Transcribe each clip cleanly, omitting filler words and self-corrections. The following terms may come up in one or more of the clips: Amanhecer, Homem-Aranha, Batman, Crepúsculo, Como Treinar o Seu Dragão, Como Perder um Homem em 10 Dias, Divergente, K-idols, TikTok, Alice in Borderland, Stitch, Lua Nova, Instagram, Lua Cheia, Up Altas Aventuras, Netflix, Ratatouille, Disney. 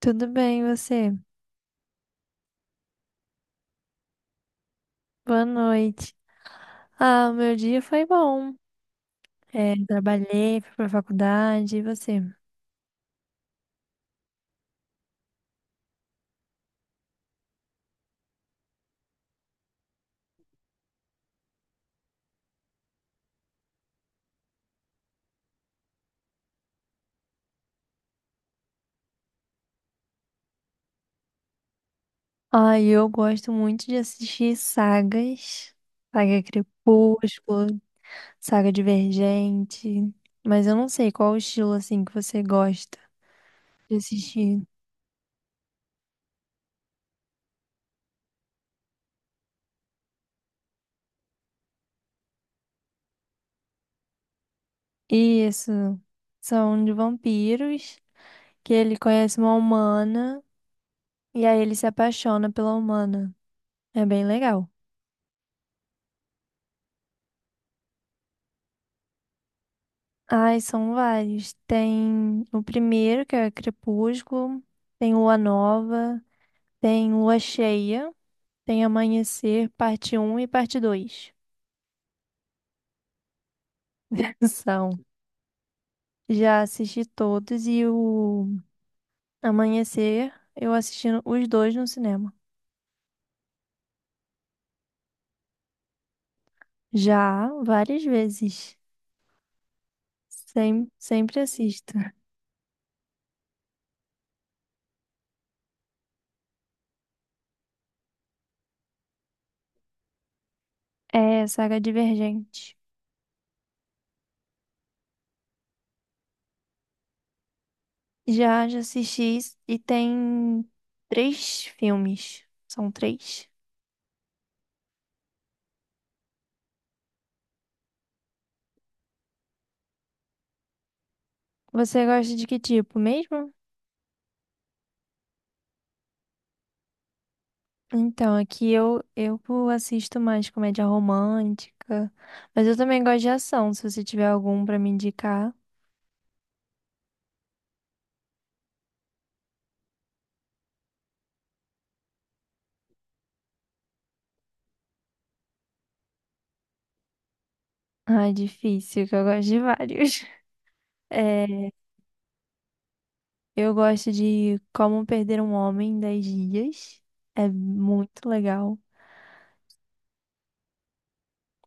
Tudo bem, e você? Boa noite. Ah, o meu dia foi bom. É, trabalhei, fui pra faculdade, e você? Ah, eu gosto muito de assistir sagas, saga Crepúsculo, saga Divergente, mas eu não sei qual o estilo, assim, que você gosta de assistir. Isso, são de vampiros, que ele conhece uma humana, e aí ele se apaixona pela humana. É bem legal. Ai, são vários. Tem o primeiro, que é Crepúsculo, tem Lua Nova, tem Lua Cheia, tem Amanhecer, parte um e parte 2. São. Já assisti todos e o Amanhecer, eu assisti no- os dois no cinema. Já várias vezes. Sem, sempre assisto. É Saga Divergente. Já assisti e tem três filmes. São três. Você gosta de que tipo mesmo? Então, aqui eu assisto mais comédia romântica, mas eu também gosto de ação, se você tiver algum pra me indicar. Ah, é difícil, que eu gosto de vários. É, eu gosto de Como Perder um Homem em 10 Dias. É muito legal.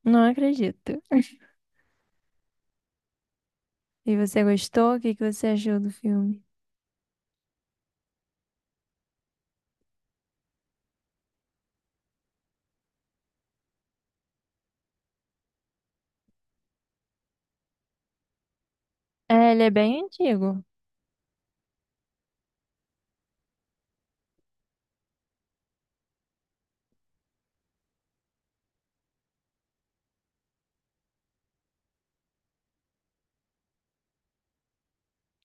Não acredito. E você gostou? O que que você achou do filme? É, ele é bem antigo.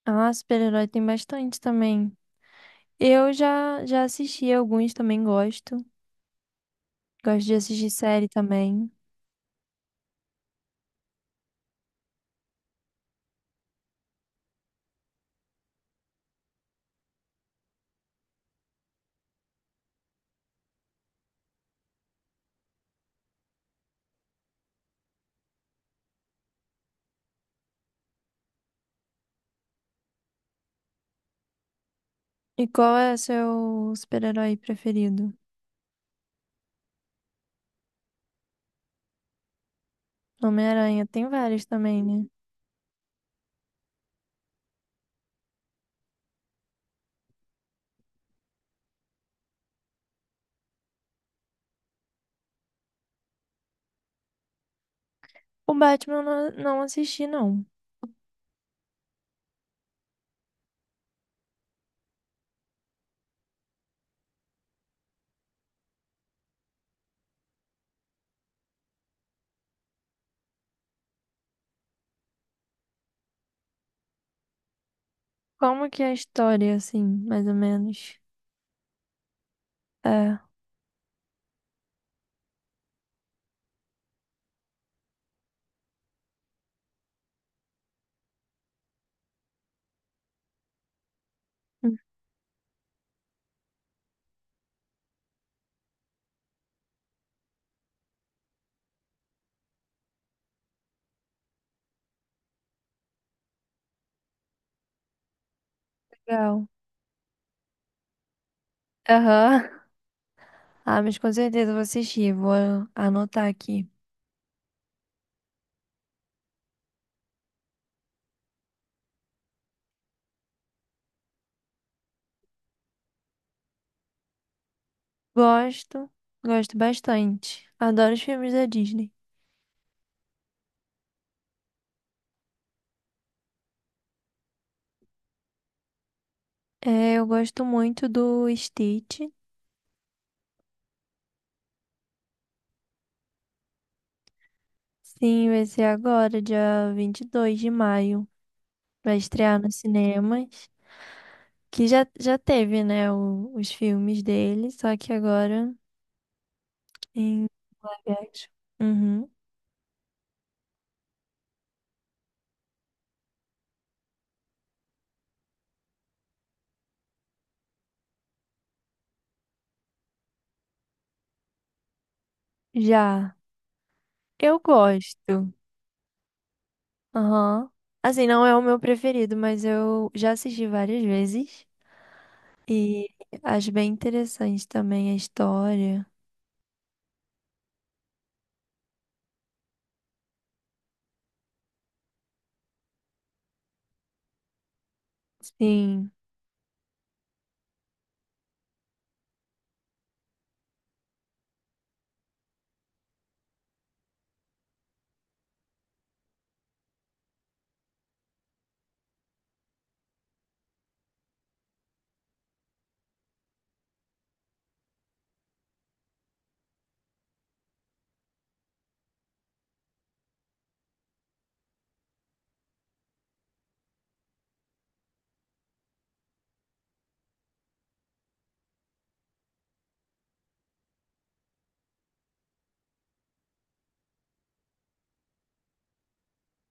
Ah, super-herói tem bastante também. Eu já assisti alguns, também gosto. Gosto de assistir série também. E qual é seu super-herói preferido? Homem-Aranha, tem vários também, né? O Batman eu não, não assisti, não. Como que é a história, assim, mais ou menos? É, legal. Aham. Ah, mas com certeza eu vou assistir, vou anotar aqui. Gosto, gosto bastante. Adoro os filmes da Disney. É, eu gosto muito do Stitch. Sim, vai ser agora, dia 22 de maio. Vai estrear nos cinemas. Que já teve, né, o- os filmes dele, só que agora em live action. Uhum. Já. Eu gosto. Aham. Assim, não é o meu preferido, mas eu já assisti várias vezes. E acho bem interessante também a história. Sim,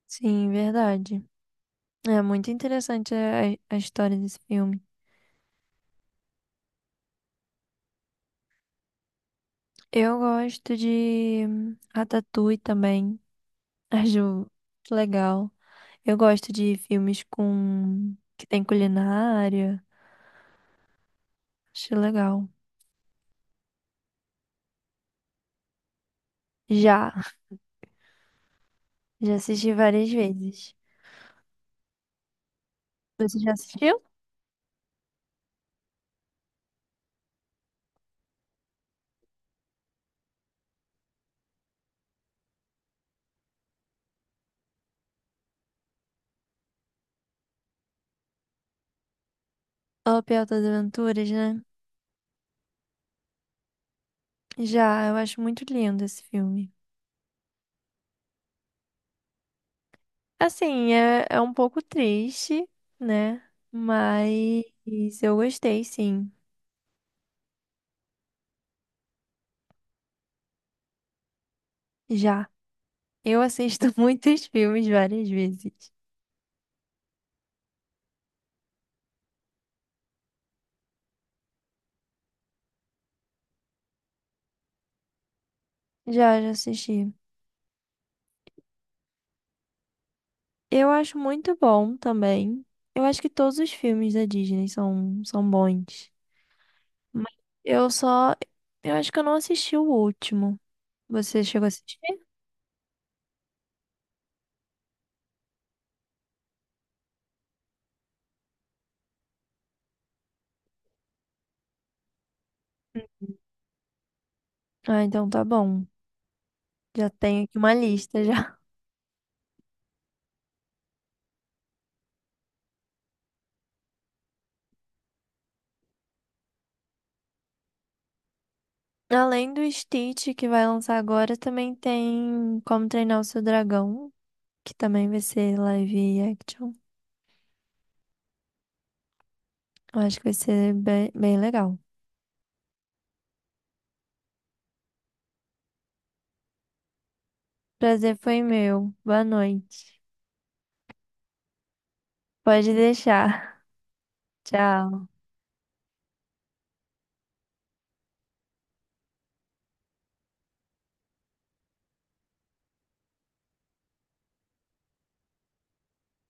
sim, verdade. É muito interessante a história desse filme. Eu gosto de Ratatouille também. Ah, Ju, que legal. Eu gosto de filmes com que tem culinária. Acho legal. Já, já assisti várias vezes. Você já assistiu? Up Altas Aventuras, né? Já, eu acho muito lindo esse filme. Assim, é, é um pouco triste, né? Mas eu gostei, sim. Já. Eu assisto muitos filmes várias vezes. Já assisti. Eu acho muito bom também. Eu acho que todos os filmes da Disney são bons. Mas eu só. Eu acho que eu não assisti o último. Você chegou a assistir? Ah, então tá bom. Já tenho aqui uma lista já. Além do Stitch que vai lançar agora, também tem Como Treinar o Seu Dragão, que também vai ser live action. Eu acho que vai ser bem, bem legal. Prazer foi meu. Boa noite. Pode deixar. Tchau.